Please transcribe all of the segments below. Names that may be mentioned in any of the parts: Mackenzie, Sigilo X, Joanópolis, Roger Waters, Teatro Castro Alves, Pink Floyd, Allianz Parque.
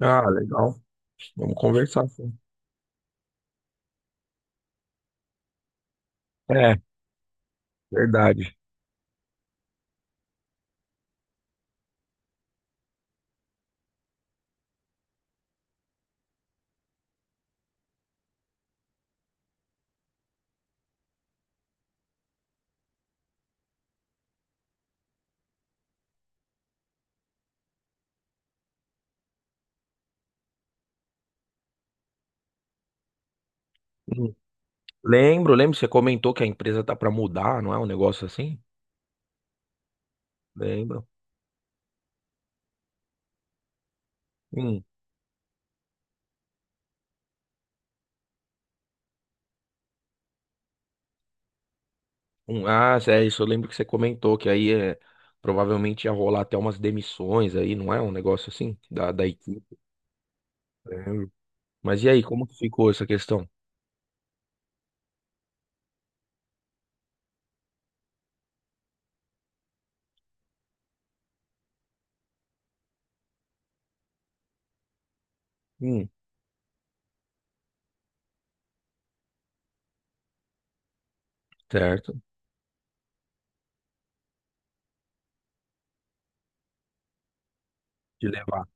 Ah, legal. Vamos conversar. Sim. É, verdade. Hum. Lembro, lembro, você comentou que a empresa tá para mudar, não é um negócio assim? Lembro. Hum, Ah, é isso, eu lembro que você comentou que aí é, provavelmente ia rolar até umas demissões aí, não é um negócio assim? Da equipe. Lembro. Mas e aí, como que ficou essa questão? Hum, certo. De levar.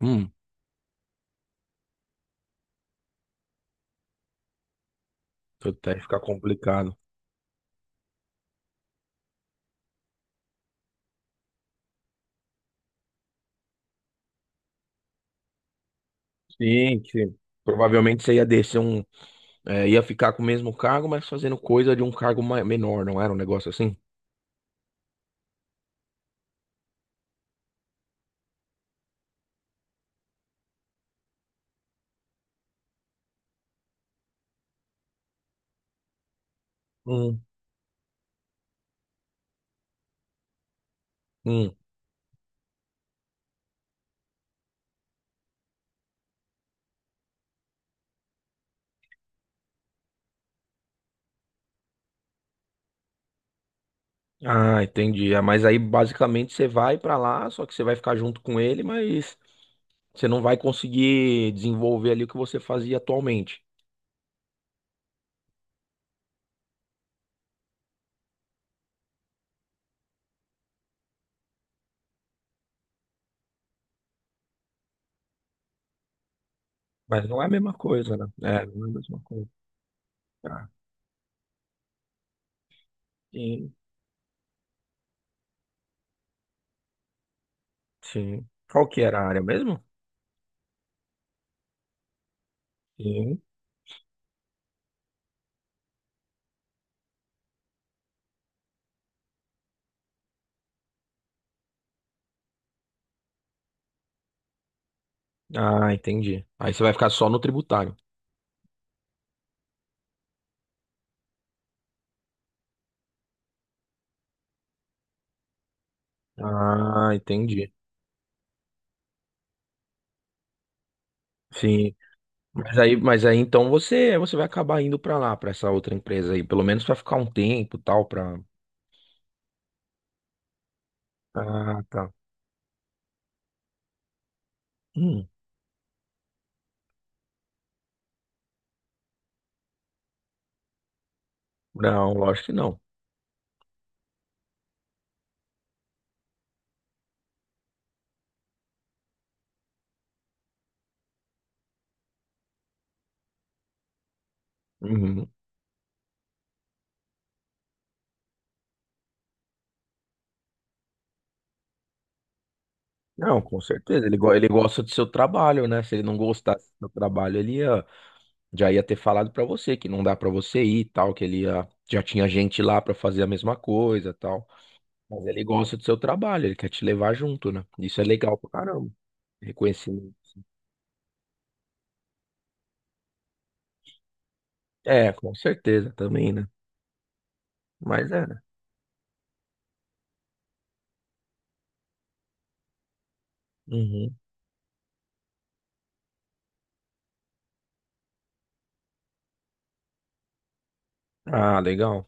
Hum, até ficar complicado. Sim, sim. Provavelmente você ia descer um. É, ia ficar com o mesmo cargo, mas fazendo coisa de um cargo menor, não era um negócio assim? Hum. Hum. Ah, entendi. Ah, mas aí basicamente você vai pra lá, só que você vai ficar junto com ele, mas você não vai conseguir desenvolver ali o que você fazia atualmente. Mas não é a mesma coisa, né? É, não é a mesma coisa. Tá. Sim, sim. Qual que era a área mesmo? Sim. Ah, entendi. Aí você vai ficar só no tributário. Ah, entendi. Sim. Mas aí então você vai acabar indo pra lá, pra essa outra empresa aí, pelo menos vai ficar um tempo, e tal, pra. Ah, tá. Hum, não, lógico que não. Uhum. Não, com certeza. Ele gosta do seu trabalho, né? Se ele não gostasse do seu trabalho, já ia ter falado pra você que não dá pra você ir, e tal, já tinha gente lá pra fazer a mesma coisa, e tal. Mas ele gosta do seu trabalho, ele quer te levar junto, né? Isso é legal pra caramba. Reconhecimento. É, com certeza também, né? Mas é, né? Uhum. Ah, legal.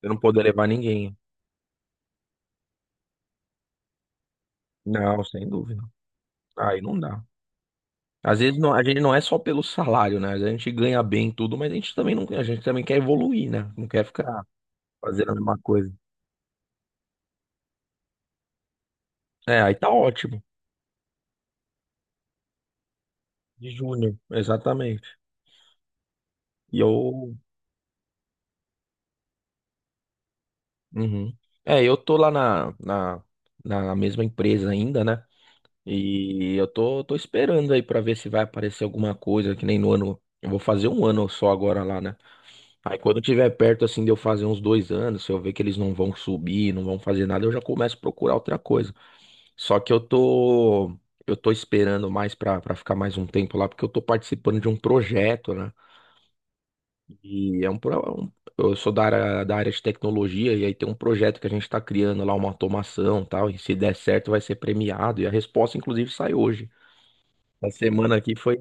Você não poder levar ninguém. Não, sem dúvida. Aí não dá. Às vezes a gente não é só pelo salário, né? Às vezes a gente ganha bem e tudo, mas a gente também não, a gente também quer evoluir, né? Não quer ficar fazendo a mesma coisa. É, aí tá ótimo. De júnior, exatamente. E eu. Uhum. É, eu tô lá na, na mesma empresa ainda, né? E eu tô esperando aí pra ver se vai aparecer alguma coisa, que nem no ano. Eu vou fazer um ano só agora lá, né? Aí quando tiver perto assim de eu fazer uns 2 anos, se eu ver que eles não vão subir, não vão fazer nada, eu já começo a procurar outra coisa. Só que eu tô esperando mais pra para ficar mais um tempo lá, porque eu tô participando de um projeto, né? E é um, pro- é um- eu sou da área de tecnologia e aí tem um projeto que a gente tá criando lá uma automação, e tal, e se der certo vai ser premiado e a resposta inclusive sai hoje. Essa semana aqui foi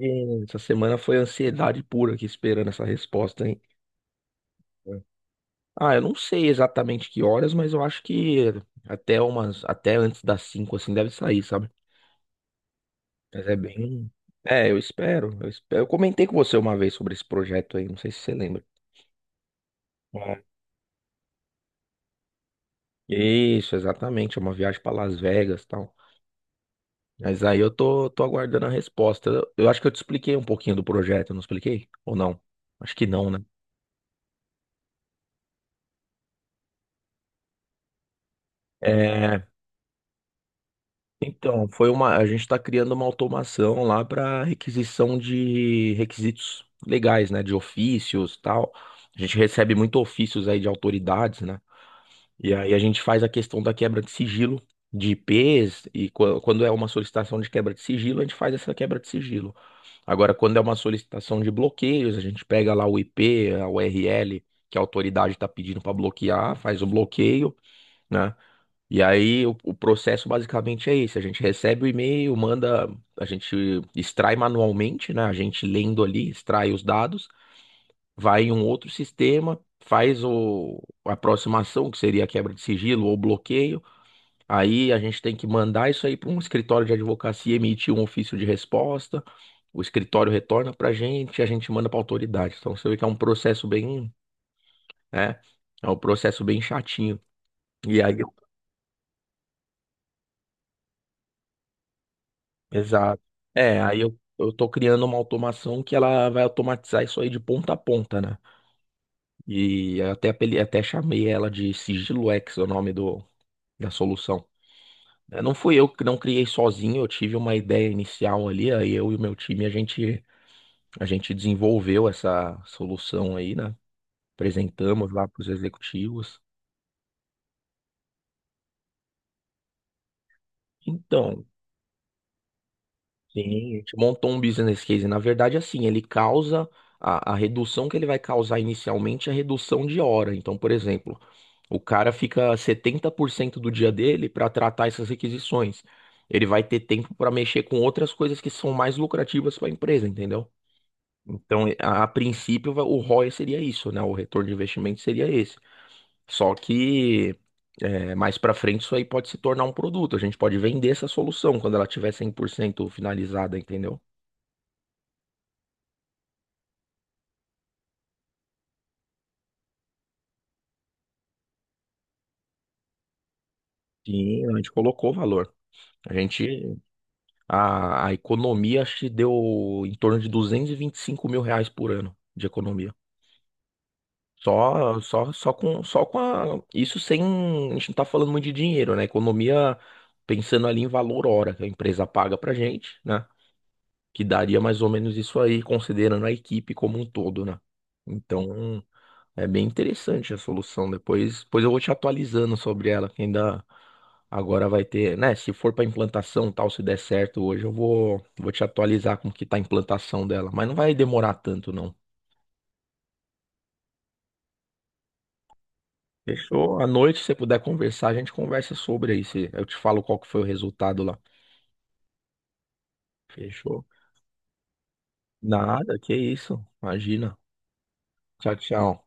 Essa semana foi ansiedade pura aqui esperando essa resposta, hein? Ah, eu não sei exatamente que horas, mas eu acho que até antes das 5 assim deve sair, sabe? Mas é bem. É, eu espero, eu espero. Eu comentei com você uma vez sobre esse projeto aí, não sei se você lembra. É. Isso, exatamente, é uma viagem para Las Vegas, e tal. Mas aí eu tô aguardando a resposta. Eu acho que eu te expliquei um pouquinho do projeto, eu não expliquei? Ou não? Acho que não, né? É, então, a gente está criando uma automação lá para requisição de requisitos legais, né, de ofícios, tal. A gente recebe muito ofícios aí de autoridades, né? E aí a gente faz a questão da quebra de sigilo de IPs e quando é uma solicitação de quebra de sigilo, a gente faz essa quebra de sigilo. Agora, quando é uma solicitação de bloqueios, a gente pega lá o IP, a URL que a autoridade está pedindo para bloquear, faz o bloqueio, né? E aí o processo basicamente é esse, a gente recebe o e-mail, manda, a gente extrai manualmente, né? A gente lendo ali, extrai os dados, vai em um outro sistema, faz a aproximação, que seria a quebra de sigilo ou bloqueio. Aí a gente tem que mandar isso aí para um escritório de advocacia emitir um ofício de resposta. O escritório retorna para a gente, e a gente manda para a autoridade. Então você vê que é um processo bem, né? É um processo bem chatinho. E aí. Exato. É, aí eu tô criando uma automação que ela vai automatizar isso aí de ponta a ponta, né? E até chamei ela de Sigilo X, é o nome da solução. Não fui eu que não criei sozinho, eu tive uma ideia inicial ali, aí eu e o meu time, a gente desenvolveu essa solução aí, né? Apresentamos lá para os executivos. Então. Sim, a gente montou um business case. Na verdade, assim, a redução que ele vai causar inicialmente é a redução de hora. Então, por exemplo, o cara fica 70% do dia dele para tratar essas requisições. Ele vai ter tempo para mexer com outras coisas que são mais lucrativas para a empresa, entendeu? Então, a princípio, o ROI seria isso, né? O retorno de investimento seria esse. Só que mais para frente isso aí pode se tornar um produto. A gente pode vender essa solução quando ela tiver 100% finalizada, entendeu? Sim, a gente colocou valor. A gente, a economia acho que deu em torno de duzentos e vinte e cinco mil reais por ano de economia. Só com a, isso sem, a gente não tá falando muito de dinheiro, né? Economia pensando ali em valor hora que a empresa paga pra gente, né? Que daria mais ou menos isso aí, considerando a equipe como um todo, né? Então. É bem interessante a solução. Depois eu vou te atualizando sobre ela, que ainda agora vai ter, né? Se for para implantação, tal, se der certo hoje, eu vou, te atualizar como que tá a implantação dela. Mas não vai demorar tanto, não. Fechou? À noite, se você puder conversar, a gente conversa sobre aí. Eu te falo qual que foi o resultado lá. Fechou? Nada, que isso. Imagina. Tchau, tchau.